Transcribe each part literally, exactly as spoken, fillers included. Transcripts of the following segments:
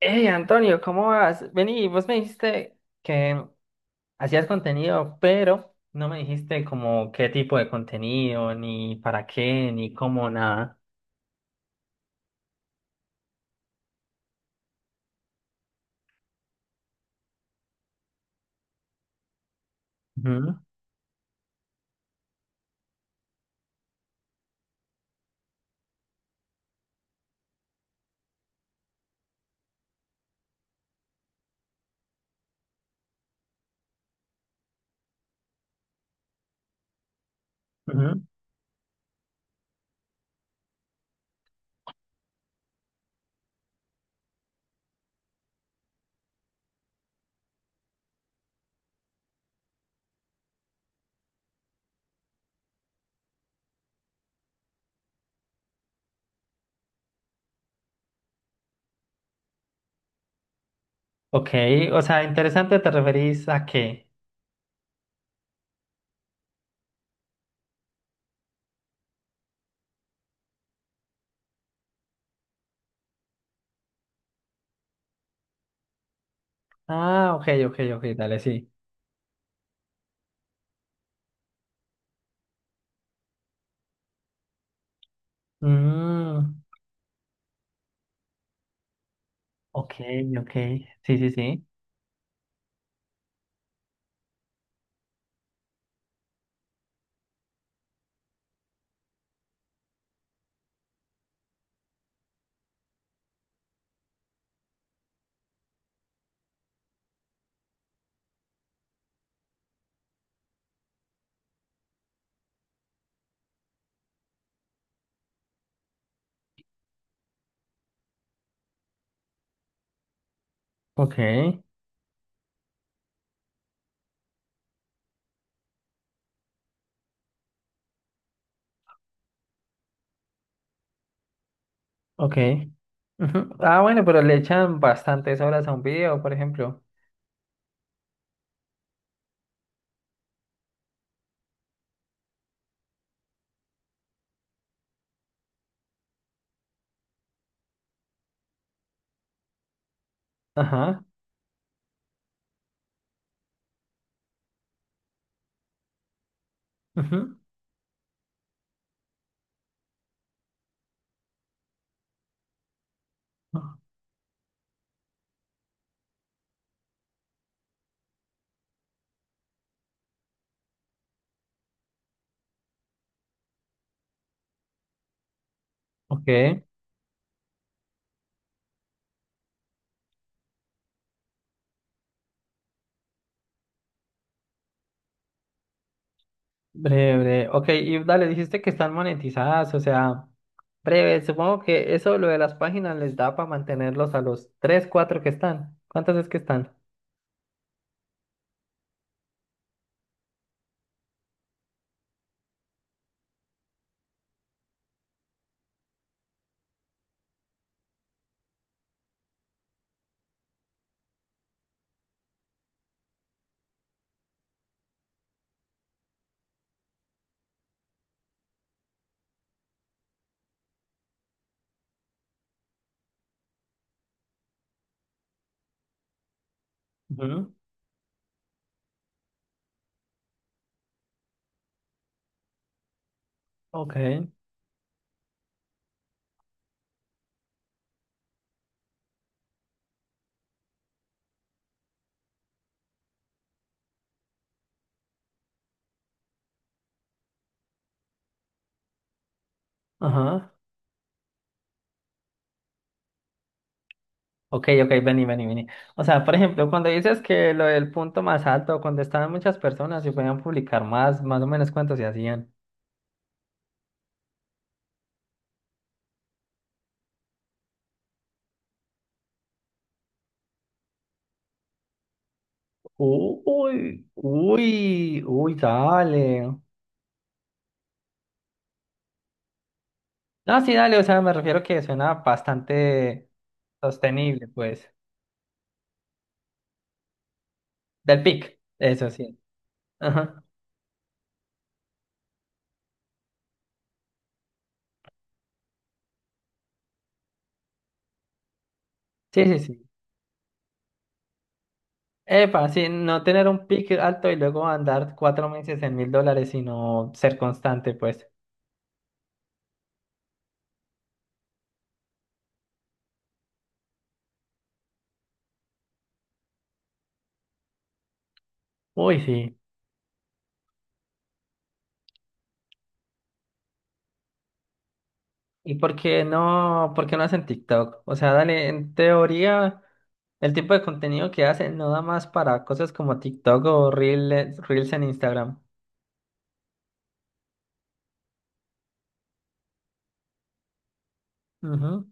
Hey Antonio, ¿cómo vas? Vení, vos me dijiste que hacías contenido, pero no me dijiste como qué tipo de contenido, ni para qué, ni cómo, nada. Ujú, ujú. Ok, o sea, interesante, ¿te referís a qué? Ah, ok, ok, ok, dale, sí. Mm, ok, ok, sí, sí, sí. Ok, ok. Ujú. Ah, bueno, pero le echan bastantes horas a un video, por ejemplo. Ajá. Ujú. Ok. Breve, breve. Ok, y dale, dijiste que están monetizadas, o sea, breve, supongo que eso lo de las páginas les da para mantenerlos a los tres cuatro que están. ¿Cuántas es que están? Ujú. Ok, ajá. Ok, ok, vení, vení, vení. O sea, por ejemplo, cuando dices que lo del punto más alto, cuando estaban muchas personas y podían publicar más, más o menos cuántos se hacían. Uy, uy, uy, dale. No, sí, dale, o sea, me refiero que suena bastante sostenible, pues. Del pick, eso sí. Ajá. Sí, sí, sí. Epa, sí, no tener un pick alto y luego andar cuatro meses en mil dólares, sino ser constante, pues. Uy, sí. ¿Y por qué no, por qué no hacen TikTok? O sea, dale, en teoría, el tipo de contenido que hacen no da más para cosas como TikTok o Reels, Reels en Instagram. Ujú.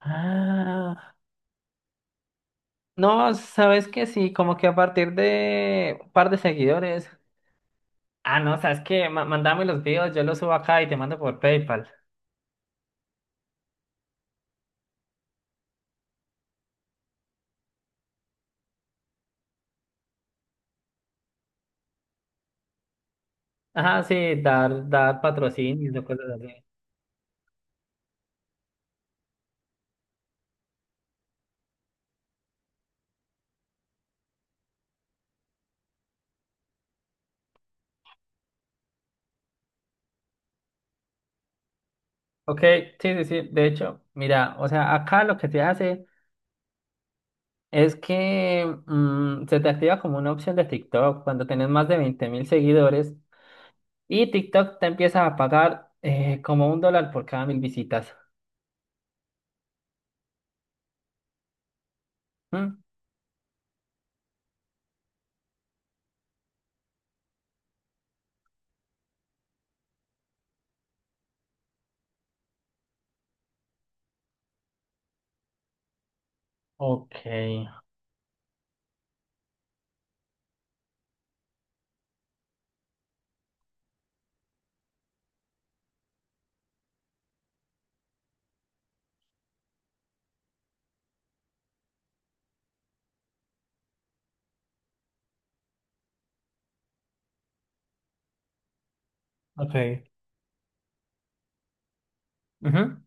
Ah, no, sabes que sí, como que a partir de un par de seguidores. Ah, no, sabes que mandame los videos, yo los subo acá y te mando por PayPal. Ajá, sí, dar, dar patrocinios o cosas así. Ok, sí, sí, sí. De hecho, mira, o sea, acá lo que se hace es que mm, se te activa como una opción de TikTok cuando tenés más de veinte mil seguidores y TikTok te empieza a pagar eh, como un dólar por cada mil visitas. ¿Mm? Ok, ok. Ujú.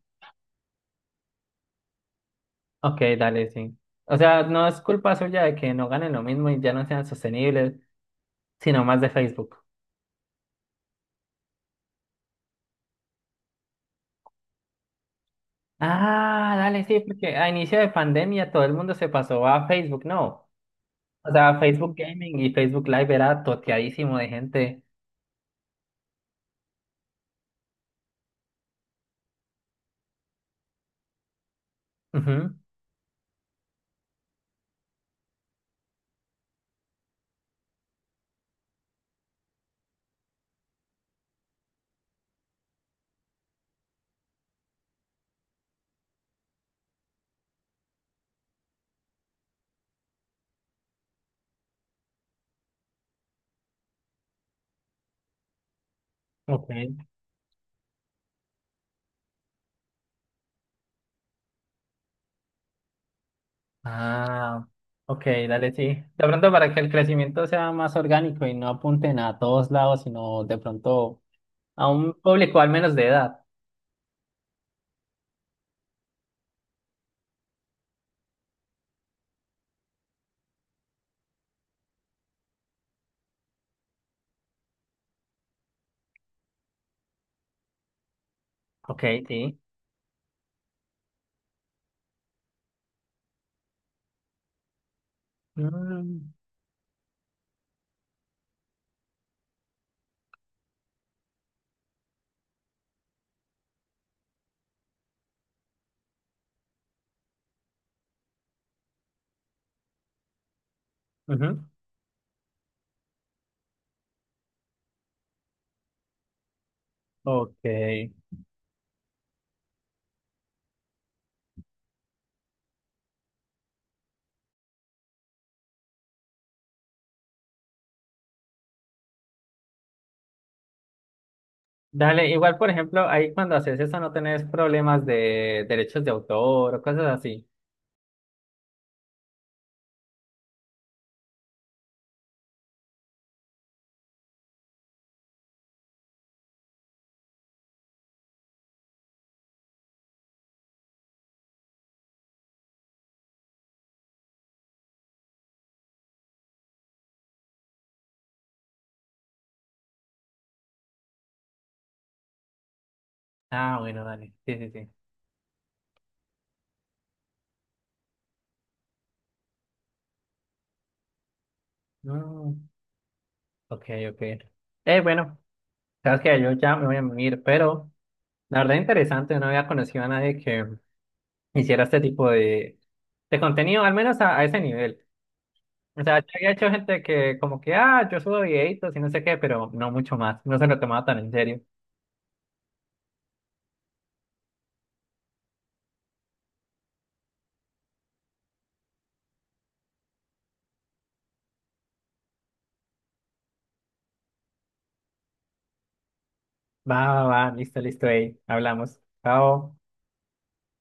Ok, dale, sí. O sea, no es culpa suya de que no ganen lo mismo y ya no sean sostenibles, sino más de Facebook. Ah, dale, sí, porque a inicio de pandemia todo el mundo se pasó a Facebook, ¿no? O sea, Facebook Gaming y Facebook Live era toteadísimo de gente. Ujú. Ok. Ah, ok, dale, sí. De pronto para que el crecimiento sea más orgánico y no apunten a todos lados, sino de pronto a un público al menos de edad. Ok, sí. Mm, ujú. Ok. Dale, igual, por ejemplo, ahí cuando haces eso no tenés problemas de derechos de autor o cosas así. Ah, bueno, dale. Sí, sí, sí. No, ok, ok. Eh, bueno, sabes que yo ya me voy a unir, pero la verdad interesante, no había conocido a nadie que hiciera este tipo de, de contenido, al menos a, a ese nivel. O sea, yo había hecho gente que como que, ah, yo subo videitos y no sé qué, pero no mucho más. No se lo tomaba tan en serio. Va, va, va, listo, listo, ahí. Hablamos. Chao.